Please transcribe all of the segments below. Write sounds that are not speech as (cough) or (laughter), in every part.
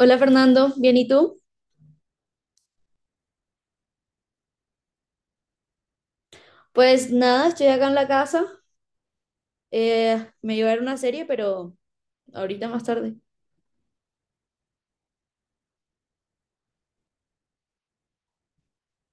Hola Fernando, ¿bien y tú? Pues nada, estoy acá en la casa. Me iba a ver una serie, pero ahorita más tarde.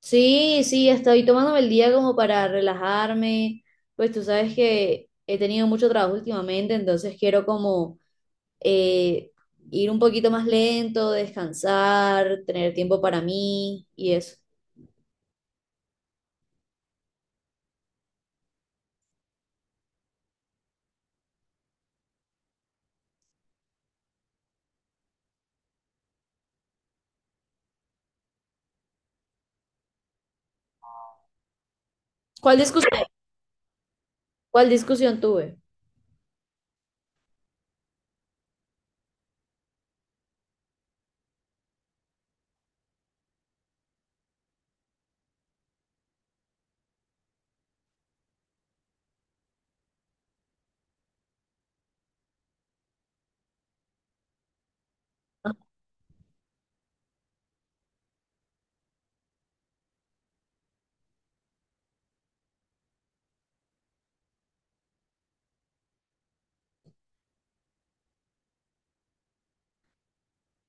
Sí, sí, estoy tomándome el día como para relajarme. Pues tú sabes que he tenido mucho trabajo últimamente, entonces quiero como eh, ir un poquito más lento, descansar, tener tiempo para mí y eso. ¿Cuál discusión? ¿Cuál discusión tuve?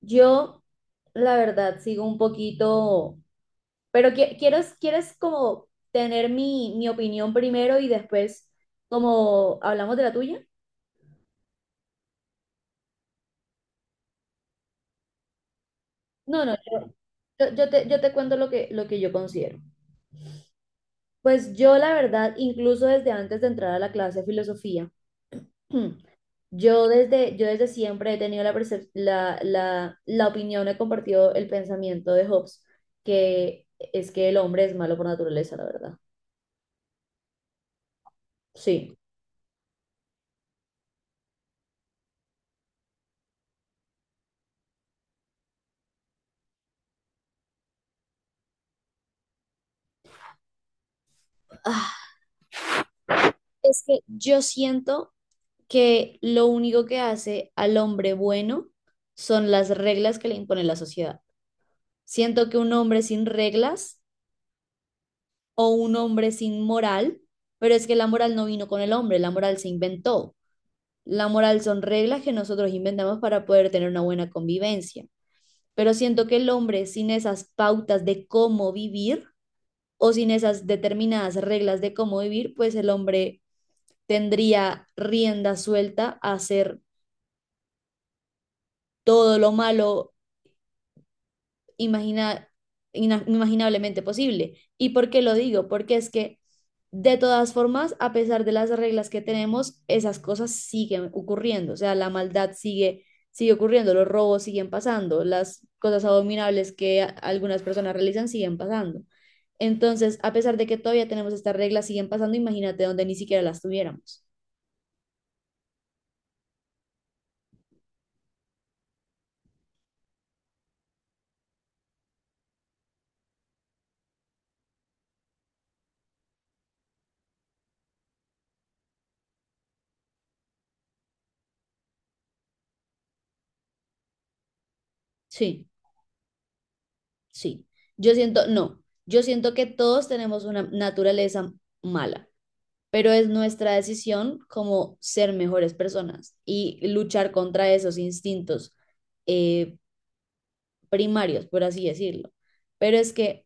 Yo, la verdad, sigo un poquito. Pero quieres como tener mi opinión primero y después como hablamos de la tuya. No, no, yo te cuento lo que yo considero. Pues yo la verdad, incluso desde antes de entrar a la clase de filosofía, (clears throat) yo desde siempre he tenido la, percep- la opinión, he compartido el pensamiento de Hobbes, que es que el hombre es malo por naturaleza, la verdad. Sí. Ah, es que yo siento que lo único que hace al hombre bueno son las reglas que le impone la sociedad. Siento que un hombre sin reglas o un hombre sin moral, pero es que la moral no vino con el hombre, la moral se inventó. La moral son reglas que nosotros inventamos para poder tener una buena convivencia. Pero siento que el hombre sin esas pautas de cómo vivir o sin esas determinadas reglas de cómo vivir, pues el hombre tendría rienda suelta a hacer todo lo malo imagina, inimaginablemente posible. ¿Y por qué lo digo? Porque es que de todas formas, a pesar de las reglas que tenemos, esas cosas siguen ocurriendo, o sea, sigue ocurriendo, los robos siguen pasando, las cosas abominables que algunas personas realizan siguen pasando. Entonces, a pesar de que todavía tenemos estas reglas, siguen pasando, imagínate donde ni siquiera las tuviéramos. Sí, sí. Yo siento, no, yo siento que todos tenemos una naturaleza mala, pero es nuestra decisión como ser mejores personas y luchar contra esos instintos eh, primarios, por así decirlo. Pero es que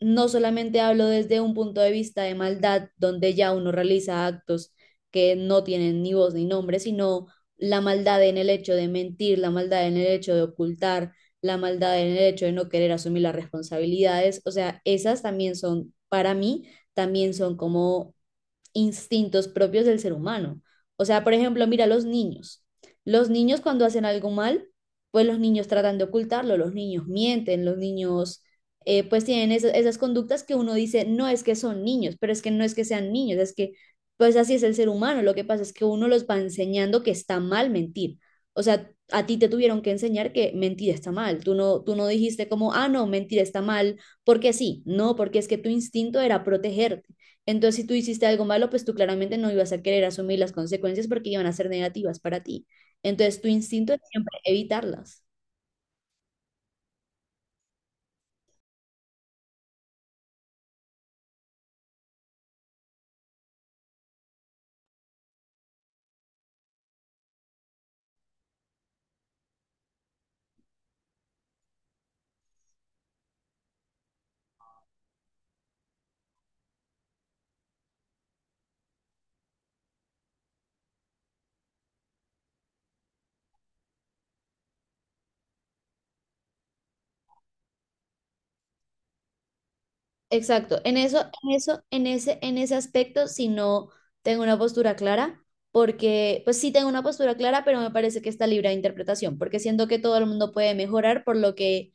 no solamente hablo desde un punto de vista de maldad, donde ya uno realiza actos que no tienen ni voz ni nombre, sino la maldad en el hecho de mentir, la maldad en el hecho de ocultar, la maldad en el hecho de no querer asumir las responsabilidades. O sea, esas también son, para mí, también son como instintos propios del ser humano. O sea, por ejemplo, mira los niños. Los niños cuando hacen algo mal, pues los niños tratan de ocultarlo, los niños mienten, los niños pues tienen esas conductas que uno dice, no es que son niños, pero es que no es que sean niños, es que pues así es el ser humano. Lo que pasa es que uno los va enseñando que está mal mentir. O sea, a ti te tuvieron que enseñar que mentir está mal. Tú no dijiste como, ah, no, mentir está mal, porque sí. No, porque es que tu instinto era protegerte. Entonces, si tú hiciste algo malo, pues tú claramente no ibas a querer asumir las consecuencias porque iban a ser negativas para ti. Entonces, tu instinto es siempre evitarlas. Exacto. En ese aspecto, si no tengo una postura clara, porque, pues sí tengo una postura clara, pero me parece que está libre de interpretación, porque siento que todo el mundo puede mejorar, por lo que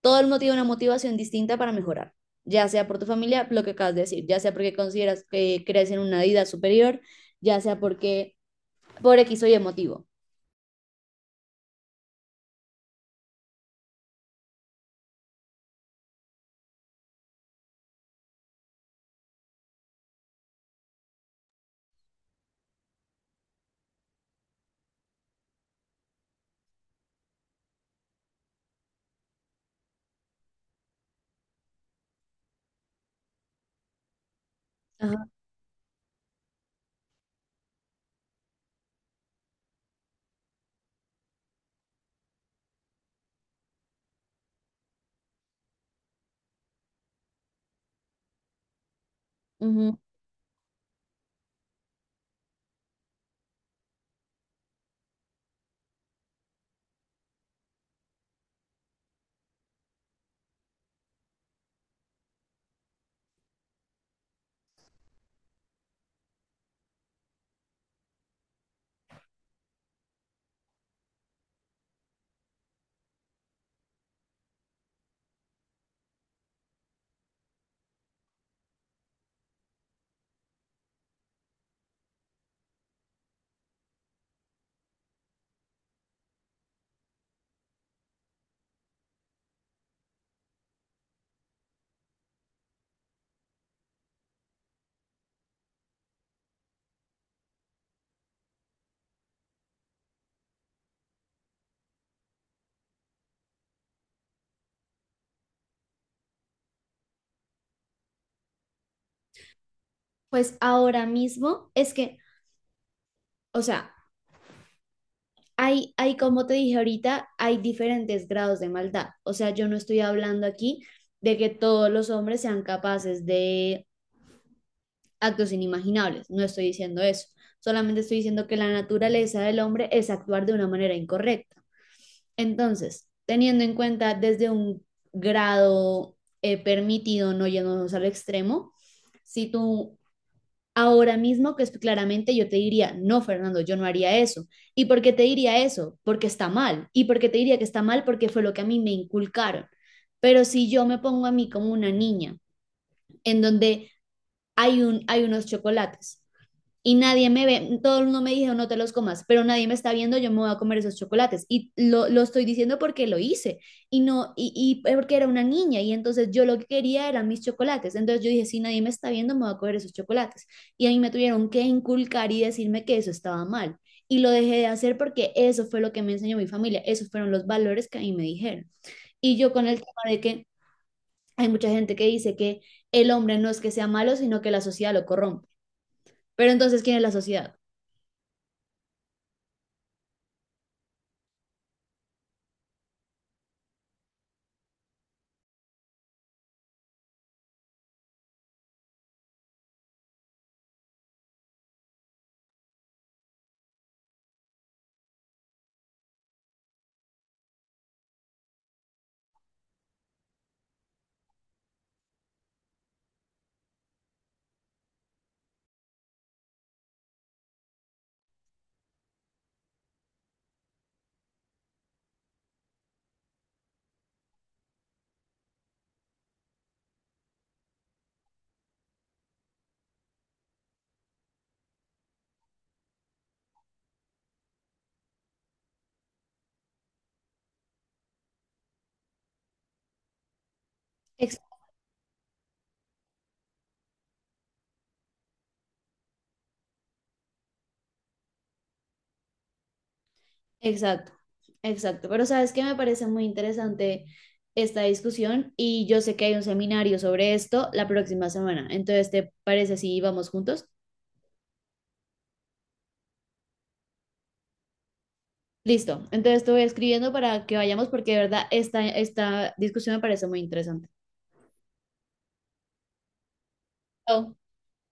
todo el mundo tiene una motivación distinta para mejorar, ya sea por tu familia, lo que acabas de decir, ya sea porque consideras que crees en una vida superior, ya sea porque por X o Y motivo. Ajá, ujú. Pues ahora mismo es que, o sea, como te dije ahorita, hay diferentes grados de maldad. O sea, yo no estoy hablando aquí de que todos los hombres sean capaces de actos inimaginables. No estoy diciendo eso. Solamente estoy diciendo que la naturaleza del hombre es actuar de una manera incorrecta. Entonces, teniendo en cuenta desde un grado permitido, no yéndonos al extremo, si tú. Ahora mismo, que es claramente, yo te diría, no, Fernando, yo no haría eso. ¿Y por qué te diría eso? Porque está mal. ¿Y por qué te diría que está mal? Porque fue lo que a mí me inculcaron. Pero si yo me pongo a mí como una niña, en donde hay unos chocolates y nadie me ve, todo el mundo me dijo no te los comas, pero nadie me está viendo, yo me voy a comer esos chocolates, y lo estoy diciendo porque lo hice. Y no y, y porque era una niña y entonces yo lo que quería eran mis chocolates, entonces yo dije si nadie me está viendo me voy a comer esos chocolates, y a mí me tuvieron que inculcar y decirme que eso estaba mal y lo dejé de hacer porque eso fue lo que me enseñó mi familia, esos fueron los valores que a mí me dijeron. Y yo con el tema de que hay mucha gente que dice que el hombre no es que sea malo sino que la sociedad lo corrompe, pero entonces ¿quién es la sociedad? Exacto. Exacto, exacto. Pero sabes que me parece muy interesante esta discusión y yo sé que hay un seminario sobre esto la próxima semana. Entonces, ¿te parece si vamos juntos? Listo. Entonces te voy escribiendo para que vayamos porque de verdad esta discusión me parece muy interesante. Chao.